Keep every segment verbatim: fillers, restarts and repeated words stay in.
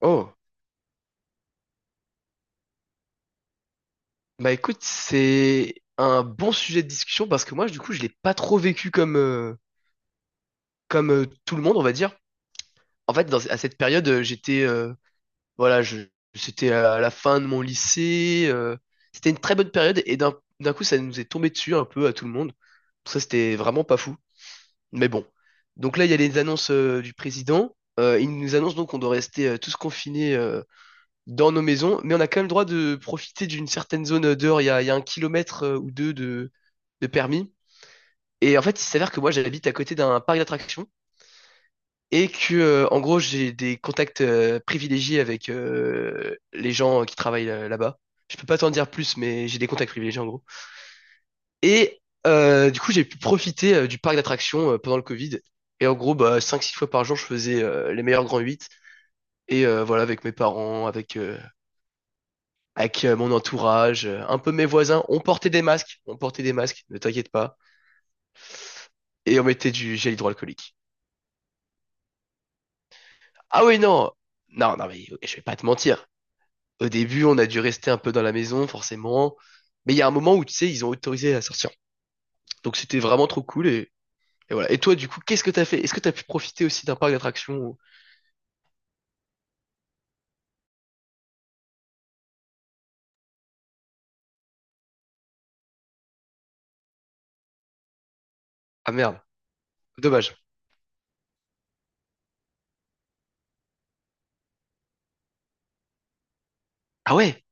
Oh, bah écoute, c'est un bon sujet de discussion parce que moi, du coup, je l'ai pas trop vécu comme euh, comme euh, tout le monde, on va dire. En fait, dans, à cette période, euh, j'étais euh, voilà, je c'était à la fin de mon lycée. Euh, c'était une très bonne période et d'un d'un coup, ça nous est tombé dessus un peu à tout le monde. Donc ça, c'était vraiment pas fou. Mais bon. Donc là, il y a les annonces euh, du président. Euh, il nous annonce donc qu'on doit rester euh, tous confinés euh, dans nos maisons, mais on a quand même le droit de profiter d'une certaine zone dehors. Il y a, il y a un kilomètre euh, ou deux de, de permis. Et en fait, il s'avère que moi, j'habite à côté d'un parc d'attractions et que, euh, en gros, j'ai des contacts euh, privilégiés avec euh, les gens qui travaillent euh, là-bas. Je peux pas t'en dire plus, mais j'ai des contacts privilégiés en gros. Et euh, du coup, j'ai pu profiter euh, du parc d'attractions euh, pendant le Covid. Et en gros, bah, cinq six fois par jour, je faisais euh, les meilleurs grands huit. Et euh, voilà, avec mes parents, avec euh, avec euh, mon entourage, euh, un peu mes voisins. On portait des masques, on portait des masques, ne t'inquiète pas. Et on mettait du gel hydroalcoolique. Ah oui, non, non, non, mais ok, je vais pas te mentir. Au début, on a dû rester un peu dans la maison, forcément. Mais il y a un moment où, tu sais, ils ont autorisé à sortir. Donc c'était vraiment trop cool. Et, et voilà. Et toi, du coup, qu'est-ce que t'as fait? Est-ce que t'as pu profiter aussi d'un parc d'attractions? Ah merde, dommage. Ah ouais,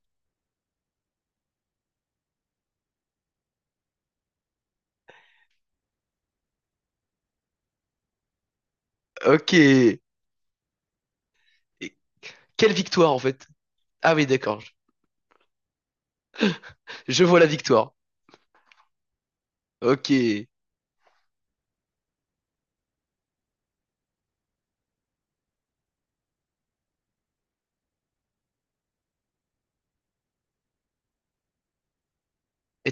ok. Et quelle victoire, en fait. Ah oui, d'accord. Je vois la victoire. Ok. Et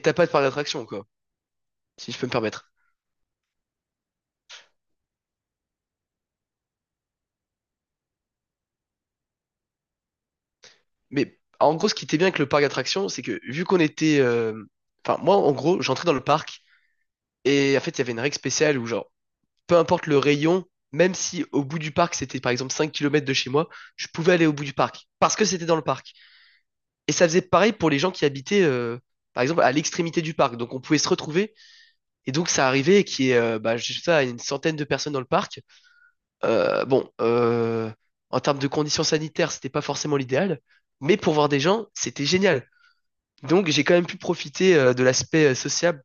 t'as pas de parc d'attractions, quoi, si je peux me permettre. Mais en gros, ce qui était bien avec le parc d'attractions, c'est que vu qu'on était... euh, Enfin, moi, en gros, j'entrais dans le parc et en fait, il y avait une règle spéciale où, genre, peu importe le rayon, même si au bout du parc, c'était par exemple cinq kilomètres de chez moi, je pouvais aller au bout du parc parce que c'était dans le parc. Et ça faisait pareil pour les gens qui habitaient, euh, par exemple, à l'extrémité du parc. Donc, on pouvait se retrouver. Et donc, ça arrivait qu'il y ait, euh, bah, je sais pas, une centaine de personnes dans le parc. Euh, bon, euh, en termes de conditions sanitaires, c'était pas forcément l'idéal. Mais pour voir des gens, c'était génial. Donc j'ai quand même pu profiter euh, de l'aspect euh, sociable,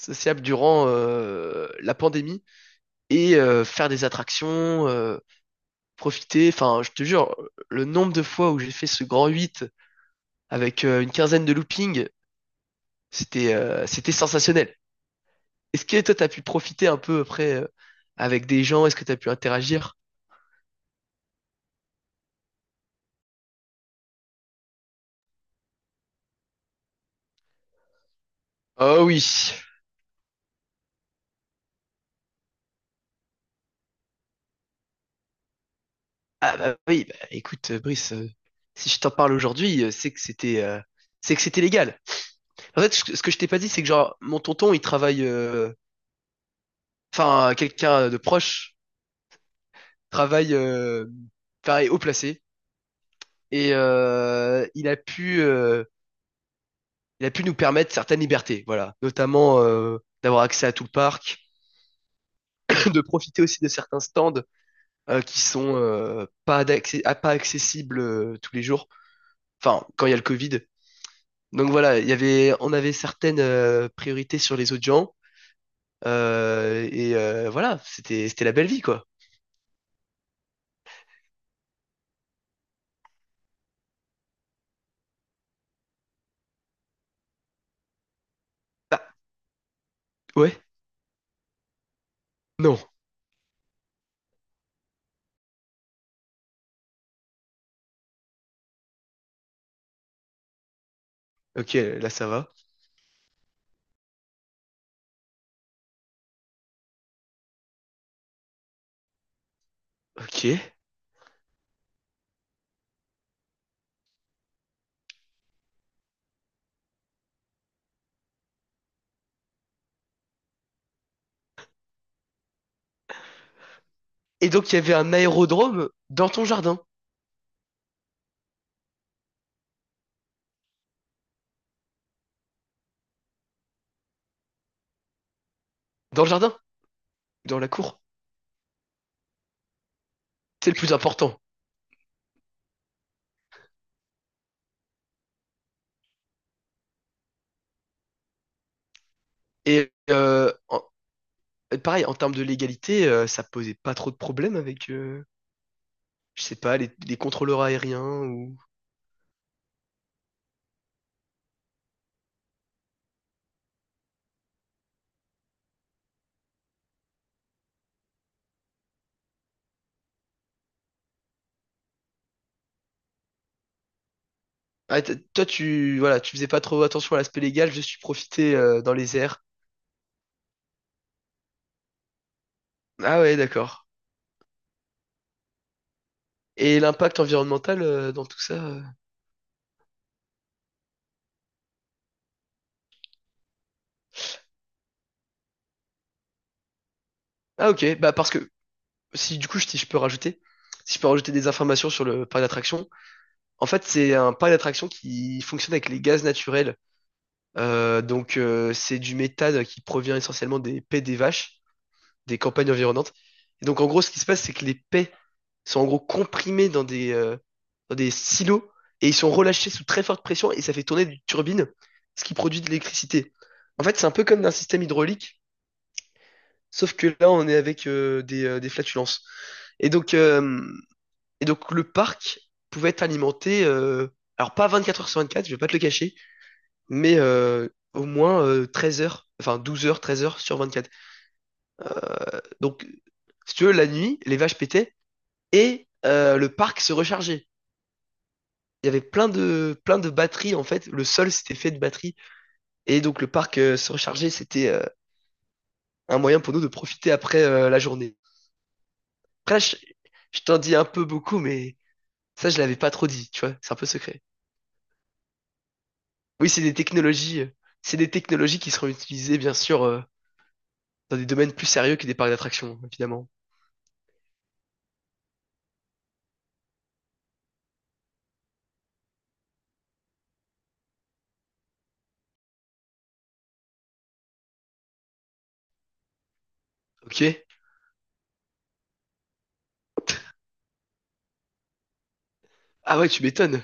sociable durant euh, la pandémie et euh, faire des attractions, euh, profiter. Enfin, je te jure, le nombre de fois où j'ai fait ce grand huit avec euh, une quinzaine de loopings, c'était euh, c'était sensationnel. Est-ce que toi, t'as pu profiter un peu après euh, avec des gens? Est-ce que t'as pu interagir? Oh oui. Ah bah oui, bah, écoute, euh, Brice, euh, si je t'en parle aujourd'hui, euh, c'est que c'était euh, c'est que c'était légal. En fait, ce que je t'ai pas dit, c'est que genre, mon tonton, il travaille, euh, enfin, quelqu'un de proche travaille, euh, pareil, haut placé. Et euh, il a pu, euh, il a pu nous permettre certaines libertés, voilà. Notamment euh, d'avoir accès à tout le parc, de profiter aussi de certains stands euh, qui sont euh, pas d'accès, ah, pas accessibles euh, tous les jours. Enfin, quand il y a le Covid. Donc voilà, il y avait, on avait certaines euh, priorités sur les autres gens. Euh, et euh, voilà, c'était, c'était la belle vie, quoi. Bah, ouais. Non. Ok, là ça va. Ok. Et donc il y avait un aérodrome dans ton jardin. Dans le jardin, dans la cour. C'est le plus important. Et euh, en- Pareil, en termes de légalité, euh, ça posait pas trop de problèmes avec, euh, je sais pas, les, les contrôleurs aériens ou... Ah, t- toi, tu, voilà, tu faisais pas trop attention à l'aspect légal, je suis profité euh, dans les airs. Ah ouais, d'accord. Et l'impact environnemental euh, dans tout ça. euh. Ah ok, bah parce que si du coup, si je peux rajouter, si je peux rajouter des informations sur le parc d'attraction. En fait, c'est un parc d'attractions qui fonctionne avec les gaz naturels. Euh, donc, euh, c'est du méthane qui provient essentiellement des paies des vaches, des campagnes environnantes. Et donc, en gros, ce qui se passe, c'est que les paies sont en gros comprimés dans des, euh, dans des silos et ils sont relâchés sous très forte pression et ça fait tourner des turbines, ce qui produit de l'électricité. En fait, c'est un peu comme d'un système hydraulique, sauf que là, on est avec euh, des, euh, des flatulences. Et donc, euh, et donc, le parc pouvait être alimenté, euh, alors pas vingt-quatre heures sur vingt-quatre, je vais pas te le cacher, mais euh, au moins euh, treize heures, enfin douze heures, treize heures sur vingt-quatre. Donc, si tu veux, la nuit, les vaches pétaient et euh, le parc se rechargeait. Il y avait plein de, plein de batteries en fait. Le sol s'était fait de batteries et donc le parc euh, se rechargeait. C'était euh, un moyen pour nous de profiter après euh, la journée. Après, je, je t'en dis un peu beaucoup, mais ça, je l'avais pas trop dit, tu vois. C'est un peu secret. Oui, c'est des technologies, euh, c'est des technologies qui seront utilisées bien sûr euh, dans des domaines plus sérieux que des parcs d'attractions, évidemment. Ok. Ah ouais, tu m'étonnes.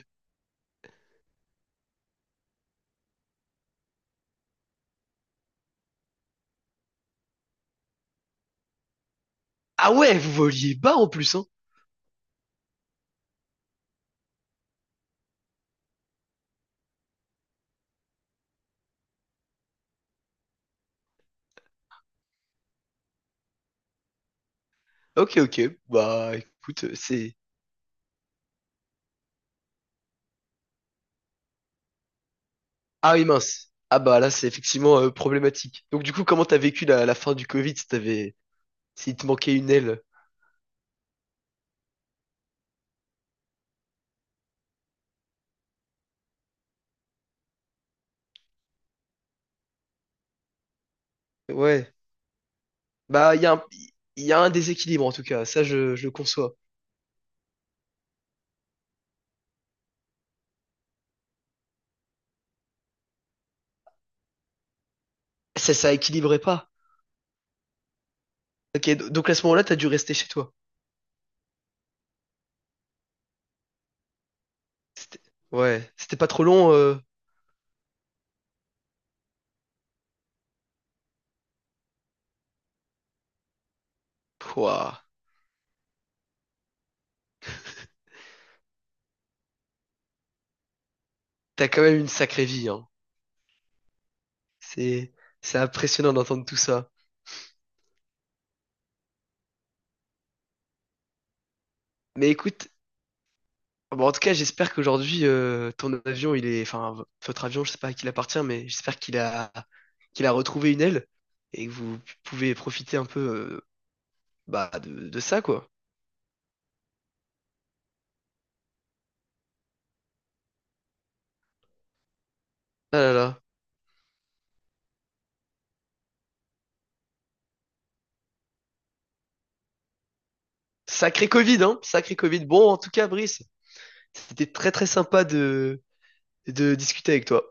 Ah ouais, vous voliez bas en plus, hein? Ok, ok. Bah, écoute, euh, c'est... Ah oui, mince. Ah bah là, c'est effectivement euh, problématique. Donc du coup, comment t'as vécu la, la fin du Covid si t'avais... s'il te manquait une aile? Ouais. Bah, il y a un... il y a un déséquilibre, en tout cas. Ça, je, je le conçois. Ça, ça équilibrait pas. Ok, do- donc à ce moment-là, t'as dû rester chez toi. C'était... Ouais. C'était pas trop long, euh... Pouah. T'as quand même une sacrée vie, hein. C'est... C'est impressionnant d'entendre tout ça. Mais écoute, bon, en tout cas, j'espère qu'aujourd'hui, euh, ton avion, il est, enfin, v- votre avion, je sais pas à qui il appartient, mais j'espère qu'il a, qu'il a retrouvé une aile et que vous pouvez profiter un peu, euh, bah, de, de ça, quoi. Ah là là. Sacré Covid, hein, sacré Covid. Bon, en tout cas, Brice, c'était très très sympa de, de discuter avec toi.